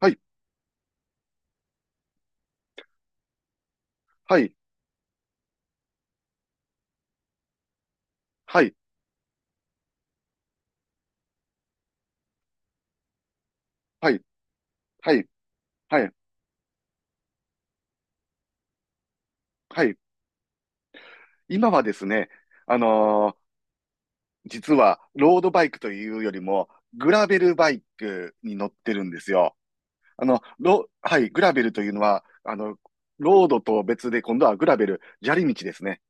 はい、はい、はい、はい、はい、はい、はい。今はですね、あのー実は、ロードバイクというよりも、グラベルバイクに乗ってるんですよ。はい、グラベルというのは、ロードと別で、今度はグラベル、砂利道ですね。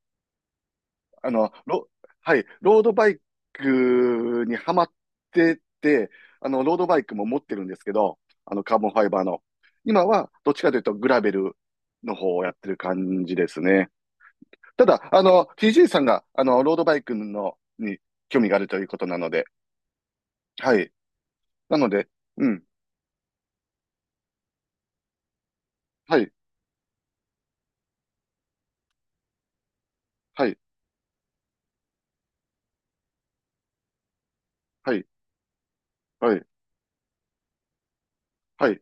あの、ロ、はい、ロードバイクにハマってて、あの、ロードバイクも持ってるんですけど、あの、カーボンファイバーの。今は、どっちかというと、グラベルの方をやってる感じですね。ただ、あの、TJ さんが、ロードバイクの、に興味があるということなので、はい。なので、うん。はい、はい、はい、はい、はい、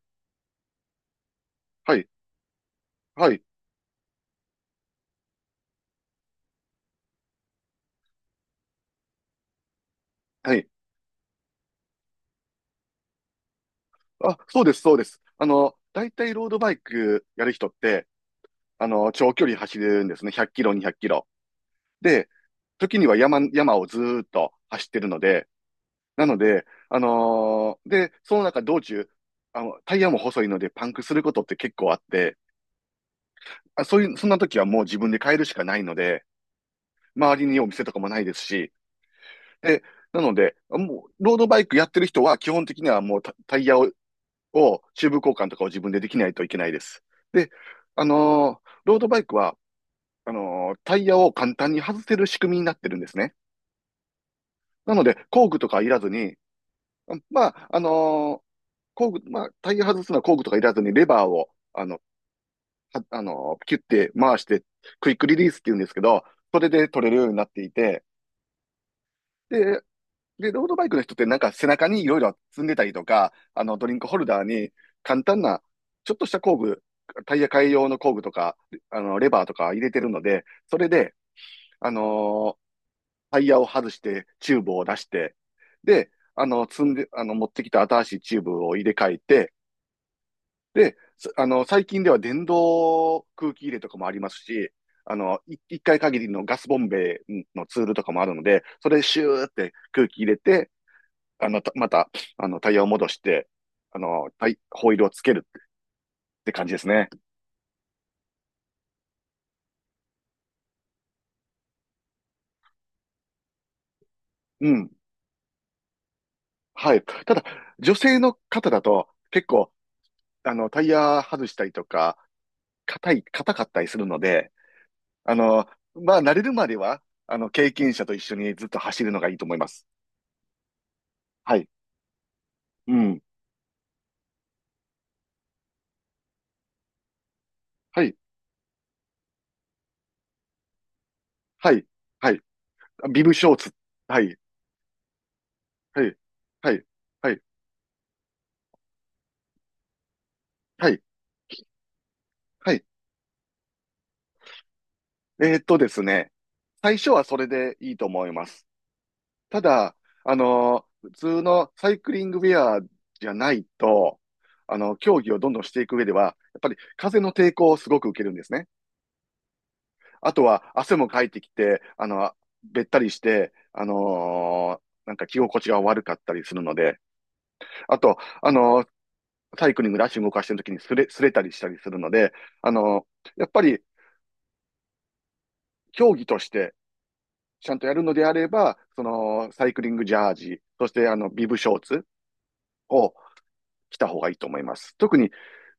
はい、はい、はい。あ、そうです、そうです。あの、大体ロードバイクやる人って、あの、長距離走るんですね。100キロ、200キロ。で、時には山をずーっと走ってるので、なので、で、その中道中、あの、タイヤも細いのでパンクすることって結構あって、あ、そういう、そんな時はもう自分で買えるしかないので、周りにお店とかもないですし、で、なので、もう、ロードバイクやってる人は基本的にはもうタイヤをチューブ交換とかを自分でできないといけないです。で、ロードバイクは、タイヤを簡単に外せる仕組みになってるんですね。なので、工具とかいらずに、まあ、あのー工具、まあ、タイヤ外すのは工具とかいらずにレバーを、キュッて回して、クイックリリースって言うんですけど、それで取れるようになっていて、で、で、ロードバイクの人ってなんか背中にいろいろ積んでたりとか、あの、ドリンクホルダーに簡単な、ちょっとした工具、タイヤ替え用の工具とか、あの、レバーとか入れてるので、それで、あのータイヤを外して、チューブを出して、で、あの、積んで、あの、持ってきた新しいチューブを入れ替えて、で、あの、最近では電動空気入れとかもありますし、あの、一回限りのガスボンベのツールとかもあるので、それでシューって空気入れて、あの、たまた、あの、タイヤを戻して、ホイールをつけるって感じですね。うん。はい。ただ、女性の方だと、結構、あの、タイヤ外したりとか、硬かったりするので、あの、まあ、慣れるまでは、あの、経験者と一緒にずっと走るのがいいと思います。はい。うん。はい。はい。はい。ビブショーツ。はい。はい。はい。はい。はい。はい。ですね。最初はそれでいいと思います。ただ、普通のサイクリングウェアじゃないと、あの、競技をどんどんしていく上では、やっぱり風の抵抗をすごく受けるんですね。あとは汗もかいてきて、あの、べったりして、なんか着心地が悪かったりするので、あと、サイクリングで足動かしてる時にすれたりしたりするので、あのやっぱり競技としてちゃんとやるのであれば、その、サイクリングジャージ、そしてあの、ビブショーツを来た方がいいと思います。特に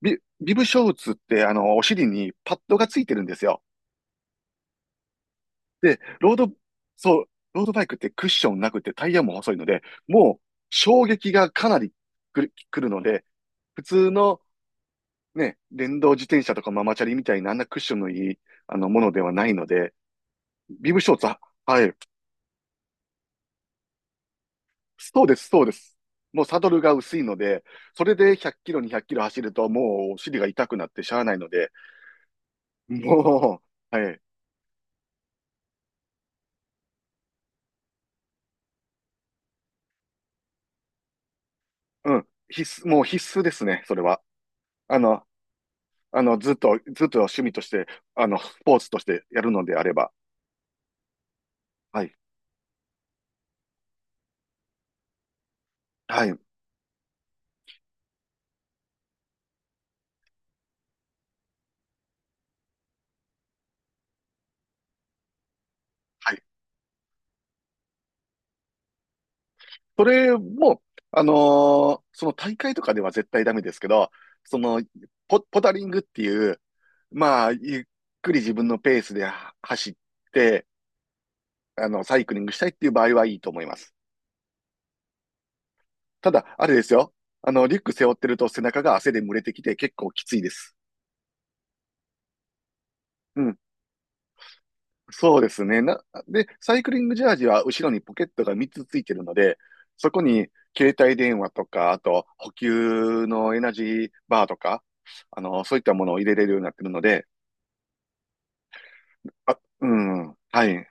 ビブショーツって、あの、お尻にパッドがついてるんですよ。で、ロード、そう、ロードバイクってクッションなくてタイヤも細いので、もう衝撃がかなりくるので、普通のね、電動自転車とかママチャリみたいなあんなクッションのいい、あの、ものではないので、ビブショーツは、はい、そうです、そうです。もうサドルが薄いので、それで100キロ、200キロ走るともうお尻が痛くなってしゃあないので、もう、はい、うん。必須、もう必須ですね、それは。あの、あの、ずっと趣味として、あの、スポーツとしてやるのであれば。はい。はい。はい。それも、その大会とかでは絶対ダメですけど、その、ポタリングっていう、まあ、ゆっくり自分のペースでは走って、あの、サイクリングしたいっていう場合はいいと思います。ただ、あれですよ。あの、リュック背負ってると背中が汗で蒸れてきて結構きついです。うん。そうですね。で、サイクリングジャージは後ろにポケットが3つついてるので、そこに携帯電話とか、あと補給のエナジーバーとか、あの、そういったものを入れれるようになってるので、あ、うん、はい。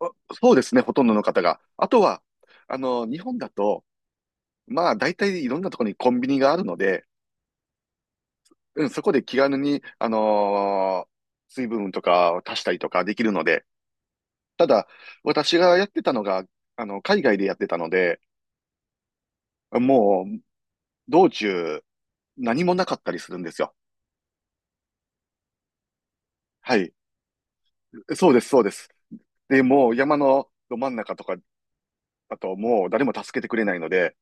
あそうですね、ほとんどの方が。あとは、あの、日本だと、まあ、大体いろんなところにコンビニがあるので、うん、そこで気軽に、水分とかを足したりとかできるので、ただ、私がやってたのが、あの、海外でやってたので、もう、道中、何もなかったりするんですよ。はい。そうです、そうです。で、もう山のど真ん中とかだともう誰も助けてくれないので、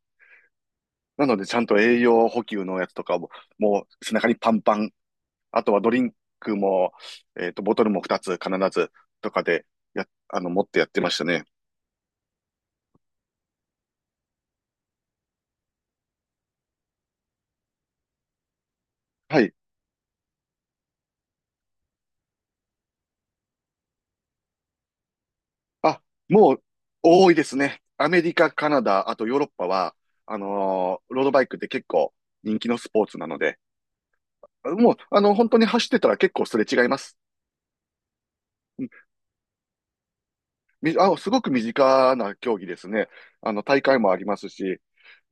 なのでちゃんと栄養補給のやつとかも、もう背中にパンパン、あとはドリンクも、ボトルも2つ必ずとかで、あの、持ってやってましたね。はい。あ、もう多いですね。アメリカ、カナダ、あとヨーロッパは、ロードバイクって結構人気のスポーツなので、もう、あの、本当に走ってたら結構すれ違います。うんすごく身近な競技ですね。あの、大会もありますし、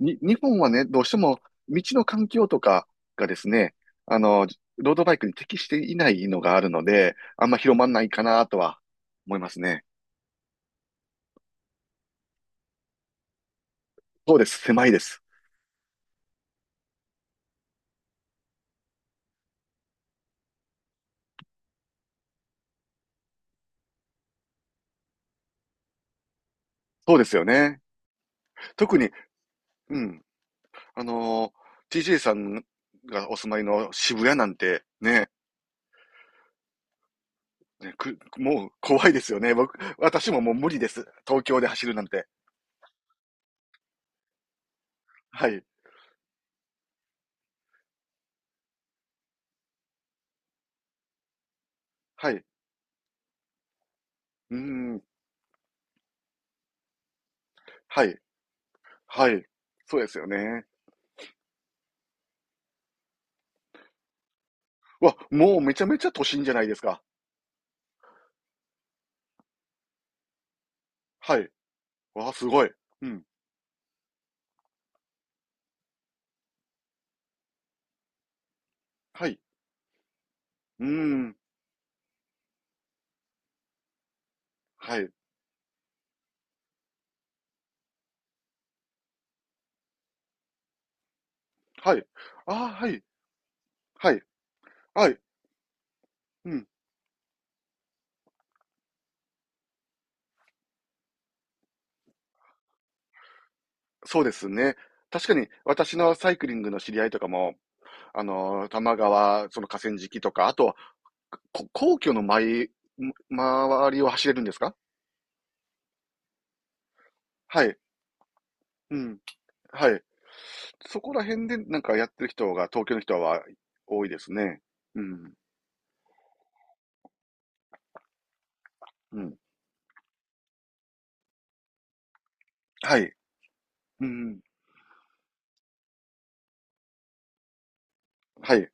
日本はね、どうしても道の環境とかがですね、あの、ロードバイクに適していないのがあるので、あんま広まんないかなとは思いますね。そうです。狭いです。そうですよね。特に、うん、あのTJ さんがお住まいの渋谷なんてね、もう怖いですよね。私ももう無理です。東京で走るなんて。はい。はい。うーん。はい。はい。そうですよね。わ、もうめちゃめちゃ都心じゃないですか。はい。わ、すごい。うん。はい。うーん。はい。はい。あーはい。はい。はい。うん。そうですね。確かに、私のサイクリングの知り合いとかも、多摩川、その河川敷とか、あとは、皇居の前、周りを走れるんですか。はい。うん。はい。そこら辺でなんかやってる人が、東京の人は多いですね。うん。うん。はい。うん。はい。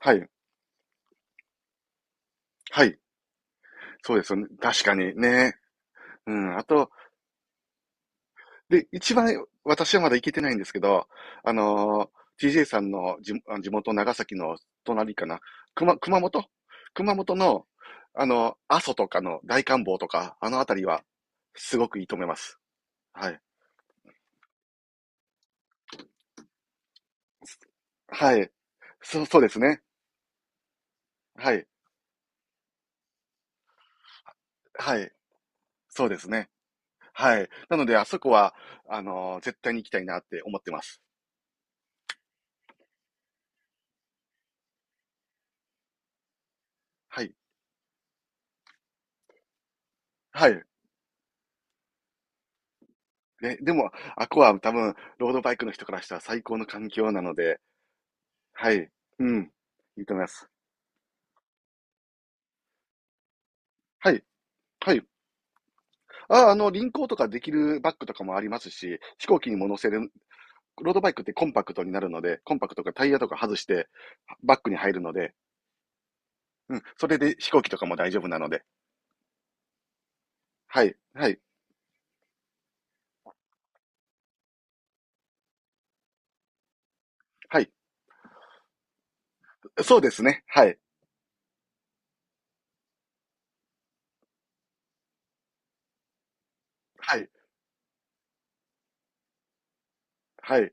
はい。はい。そうですよね。確かにね。うん。あと、一番私はまだ行けてないんですけど、あのTJ さんの地元長崎の隣かな。熊本。熊本の、あの、阿蘇とかの大観峰とか、あのあたりは、すごくいいと思います。はい。はい。そうですね。はい。はい。そうですね。はい。なので、あそこは、あの、絶対に行きたいなって思ってます。はい。はい。ね、でも、あこは多分、ロードバイクの人からしたら最高の環境なので、はい。うん。いいと思います。はい。はい。あ、あの、輪行とかできるバッグとかもありますし、飛行機にも乗せる、ロードバイクってコンパクトになるので、コンパクトかタイヤとか外して、バッグに入るので、うん。それで飛行機とかも大丈夫なので、はい。はい。はい。そうですね。はい。はい。はい。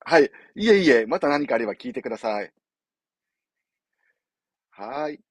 はい。いえいえ、また何かあれば聞いてください。はーい。